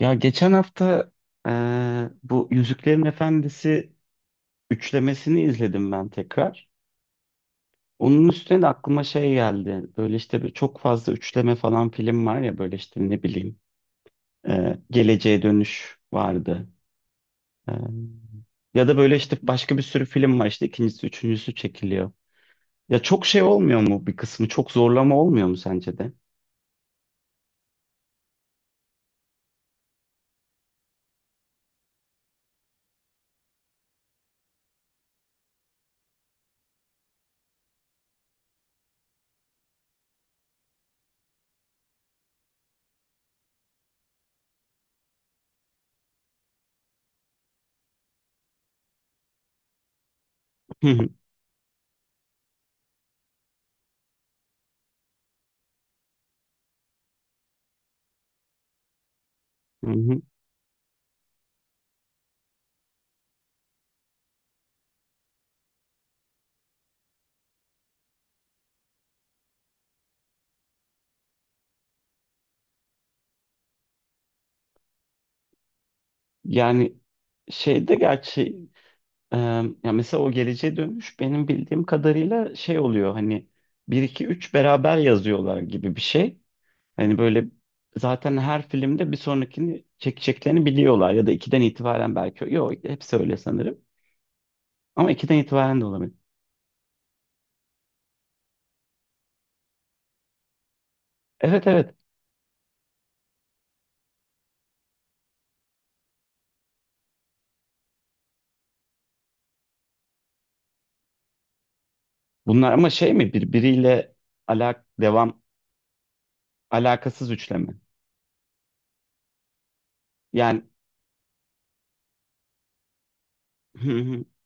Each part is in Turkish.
Ya geçen hafta, bu Yüzüklerin Efendisi üçlemesini izledim ben tekrar. Onun üstüne de aklıma şey geldi. Böyle işte bir çok fazla üçleme falan film var ya, böyle işte ne bileyim, Geleceğe Dönüş vardı. Eee, ya da böyle işte başka bir sürü film var, işte ikincisi üçüncüsü çekiliyor. Ya çok şey olmuyor mu bir kısmı? Çok zorlama olmuyor mu sence de? Hı hı. Hı hı. Yani şeyde gerçi, Ee, ya mesela o Geleceğe Dönüş benim bildiğim kadarıyla şey oluyor hani, bir 2 3 beraber yazıyorlar gibi bir şey. Hani böyle zaten her filmde bir sonrakini çekeceklerini biliyorlar, ya da 2'den itibaren belki. Yok, hepsi öyle sanırım. Ama 2'den itibaren de olabilir. Evet, evet. Bunlar ama şey mi birbiriyle, alak devam alakasız üçleme. Yani.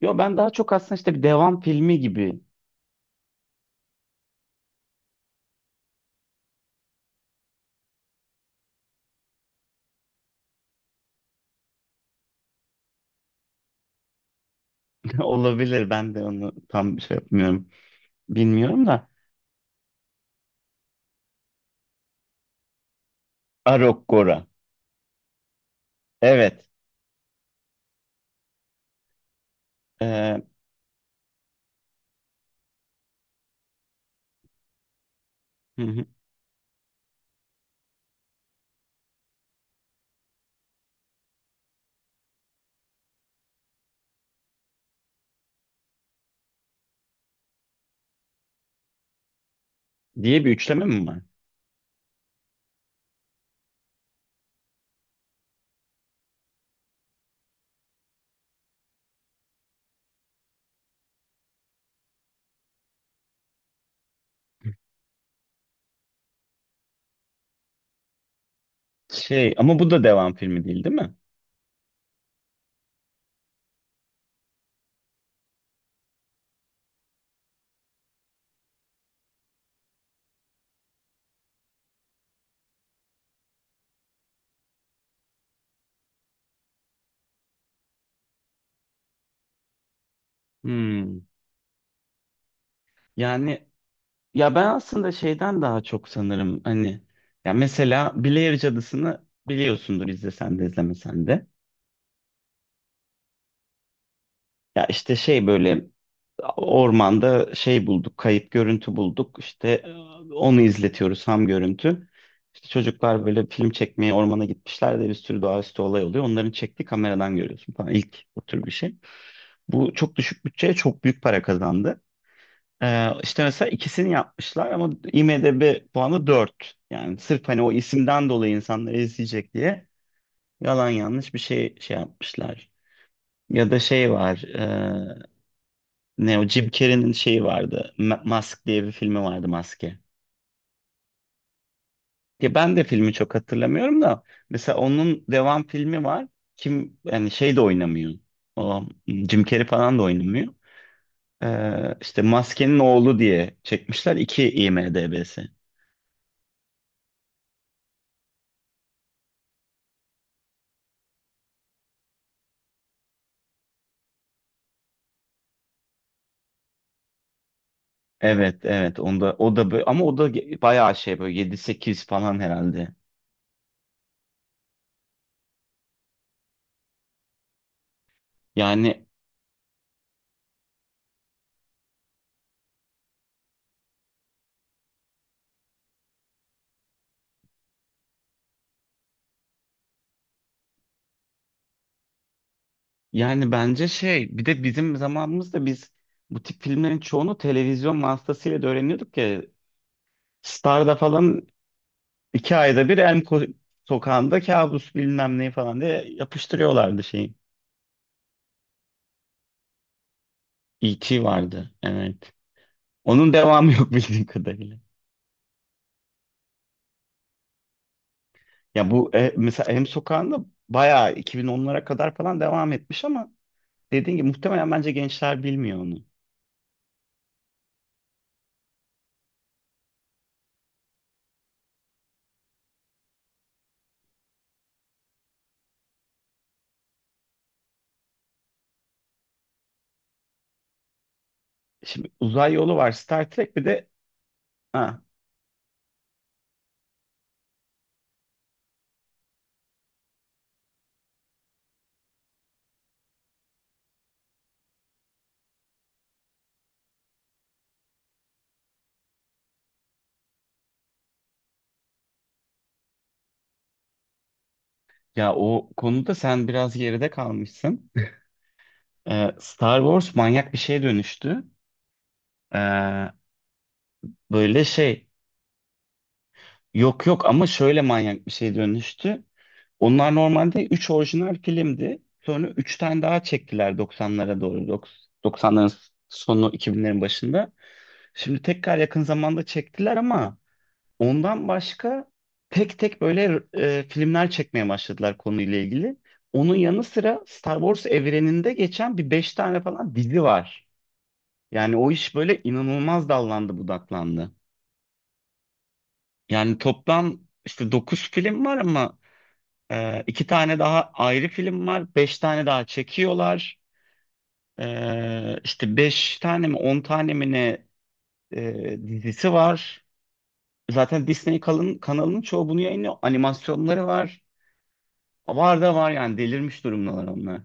Yo, ben daha çok aslında işte bir devam filmi gibi. Olabilir. Ben de onu tam şey yapmıyorum. Bilmiyorum da. Arok. Evet. Ee, hı hı. Diye bir üçleme mi var? Şey, ama bu da devam filmi değil, değil mi? Hmm. Yani ya ben aslında şeyden daha çok sanırım, hani ya mesela Blair Cadısı'nı biliyorsundur, izlesen de izlemesen de. Ya işte şey böyle ormanda şey bulduk, kayıp görüntü bulduk. İşte, onu izletiyoruz, ham görüntü. İşte çocuklar böyle film çekmeye ormana gitmişler de bir sürü doğaüstü olay oluyor. Onların çektiği kameradan görüyorsun falan. İlk o tür bir şey. Bu çok düşük bütçeye çok büyük para kazandı. İşte mesela ikisini yapmışlar ama IMDb puanı 4. Yani sırf hani o isimden dolayı insanları izleyecek diye yalan yanlış bir şey yapmışlar. Ya da şey var. Ne o Jim Carrey'nin şeyi vardı. Mask diye bir filmi vardı, Maske. Ya ben de filmi çok hatırlamıyorum da mesela onun devam filmi var. Kim, yani şey de oynamıyor. O Jim Carrey falan da oynamıyor. İşte Maskenin Oğlu diye çekmişler. İki IMDb'si. Evet, evet, onda o da böyle ama o da bayağı şey böyle yedi sekiz falan herhalde. Yani yani bence şey, bir de bizim zamanımızda biz bu tip filmlerin çoğunu televizyon vasıtasıyla da öğreniyorduk ya. Star'da falan iki ayda bir Sokağı'nda Kabus bilmem ne falan diye yapıştırıyorlardı şeyi. E.T. vardı, evet. Onun devamı yok bildiğim kadarıyla. Ya bu, mesela Em Sokağı'nda bayağı 2010'lara kadar falan devam etmiş ama dediğin gibi muhtemelen bence gençler bilmiyor onu. Şimdi Uzay Yolu var, Star Trek, bir de. ha, Ya o konuda sen biraz geride kalmışsın. Star Wars manyak bir şeye dönüştü. E, Böyle şey, yok yok, ama şöyle manyak bir şeye dönüştü. Onlar normalde 3 orijinal filmdi. Sonra 3 tane daha çektiler 90'lara doğru. 90'ların sonu 2000'lerin başında. Şimdi tekrar yakın zamanda çektiler ama ondan başka tek tek böyle filmler çekmeye başladılar konuyla ilgili. Onun yanı sıra Star Wars evreninde geçen bir 5 tane falan dizi var. Yani o iş böyle inanılmaz dallandı budaklandı. Yani toplam işte 9 film var ama. İki tane daha ayrı film var. Beş tane daha çekiyorlar. İşte beş tane mi 10 tane mi ne, dizisi var. Zaten Disney kalın, kanalının çoğu bunu yayınlıyor. Animasyonları var. Var da var yani, delirmiş durumdalar onlar.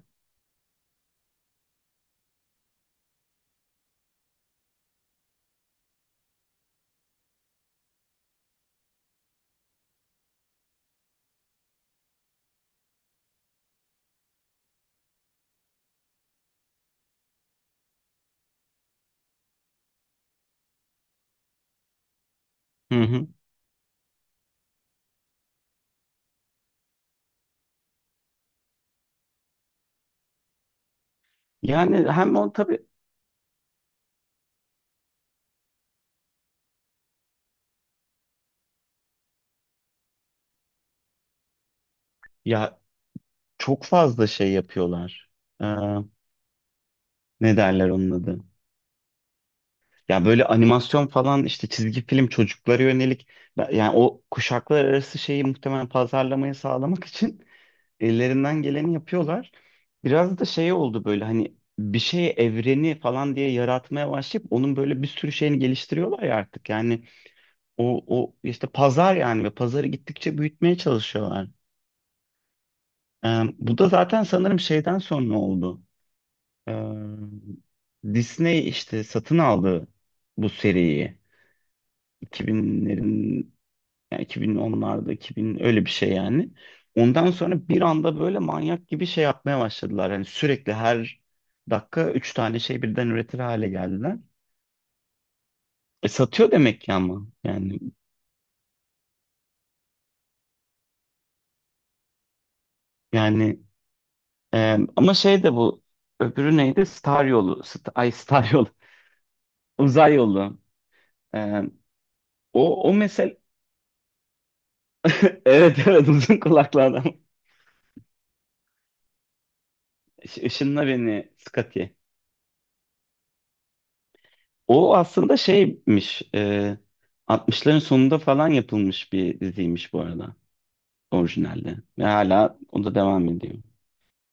Hı hı. Yani hem o tabii, ya çok fazla şey yapıyorlar. Ee, Ne derler onun adı? Ya böyle animasyon falan, işte çizgi film çocuklara yönelik, yani o kuşaklar arası şeyi muhtemelen pazarlamayı sağlamak için ellerinden geleni yapıyorlar. Biraz da şey oldu böyle hani, bir şey evreni falan diye yaratmaya başlayıp onun böyle bir sürü şeyini geliştiriyorlar ya artık. Yani o işte pazar yani, ve pazarı gittikçe büyütmeye çalışıyorlar. Bu da zaten sanırım şeyden sonra oldu. Ee, Disney işte satın aldı bu seriyi. 2000'lerin. Yani 2010'larda 2000, öyle bir şey yani. Ondan sonra bir anda böyle manyak gibi şey yapmaya başladılar. Yani sürekli her dakika üç tane şey birden üretir hale geldiler. Satıyor demek ki ama Yani ama şey de bu, öbürü neydi? Star yolu. St Ay Star yolu. Uzay yolu. E, o. Evet, evet, uzun kulaklı adam. Işınla beni Scotty. O aslında şeymiş, 60'ların sonunda falan yapılmış bir diziymiş bu arada orijinalde. Ve hala o da devam ediyor.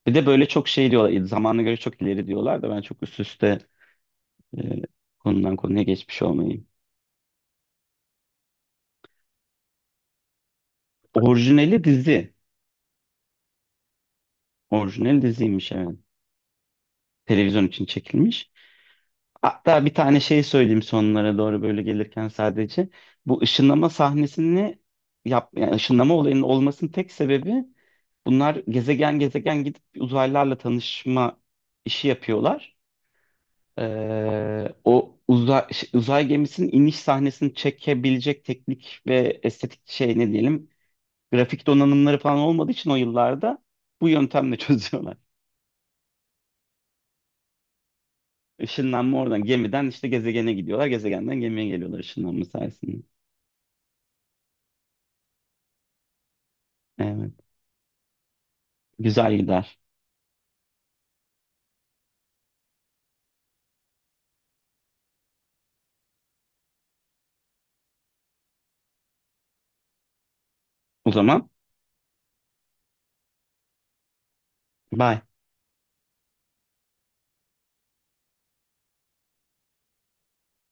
Bir de böyle çok şey diyorlar, zamana göre çok ileri diyorlar da, ben çok üst üste, e, konudan konuya geçmiş olmayayım. Orijinali dizi. Orijinal diziymiş, evet. Televizyon için çekilmiş. Hatta bir tane şey söyleyeyim sonlara doğru böyle gelirken, sadece. Bu ışınlama sahnesini yap, yani ışınlama olayının olmasının tek sebebi: Bunlar gezegen gezegen gidip uzaylılarla tanışma işi yapıyorlar. O uzay, şey, uzay gemisinin iniş sahnesini çekebilecek teknik ve estetik şey, ne diyelim, grafik donanımları falan olmadığı için o yıllarda bu yöntemle çözüyorlar. Işınlanma oradan, gemiden işte gezegene gidiyorlar. Gezegenden gemiye geliyorlar ışınlanma sayesinde. Evet. Güzel gider. O zaman bye.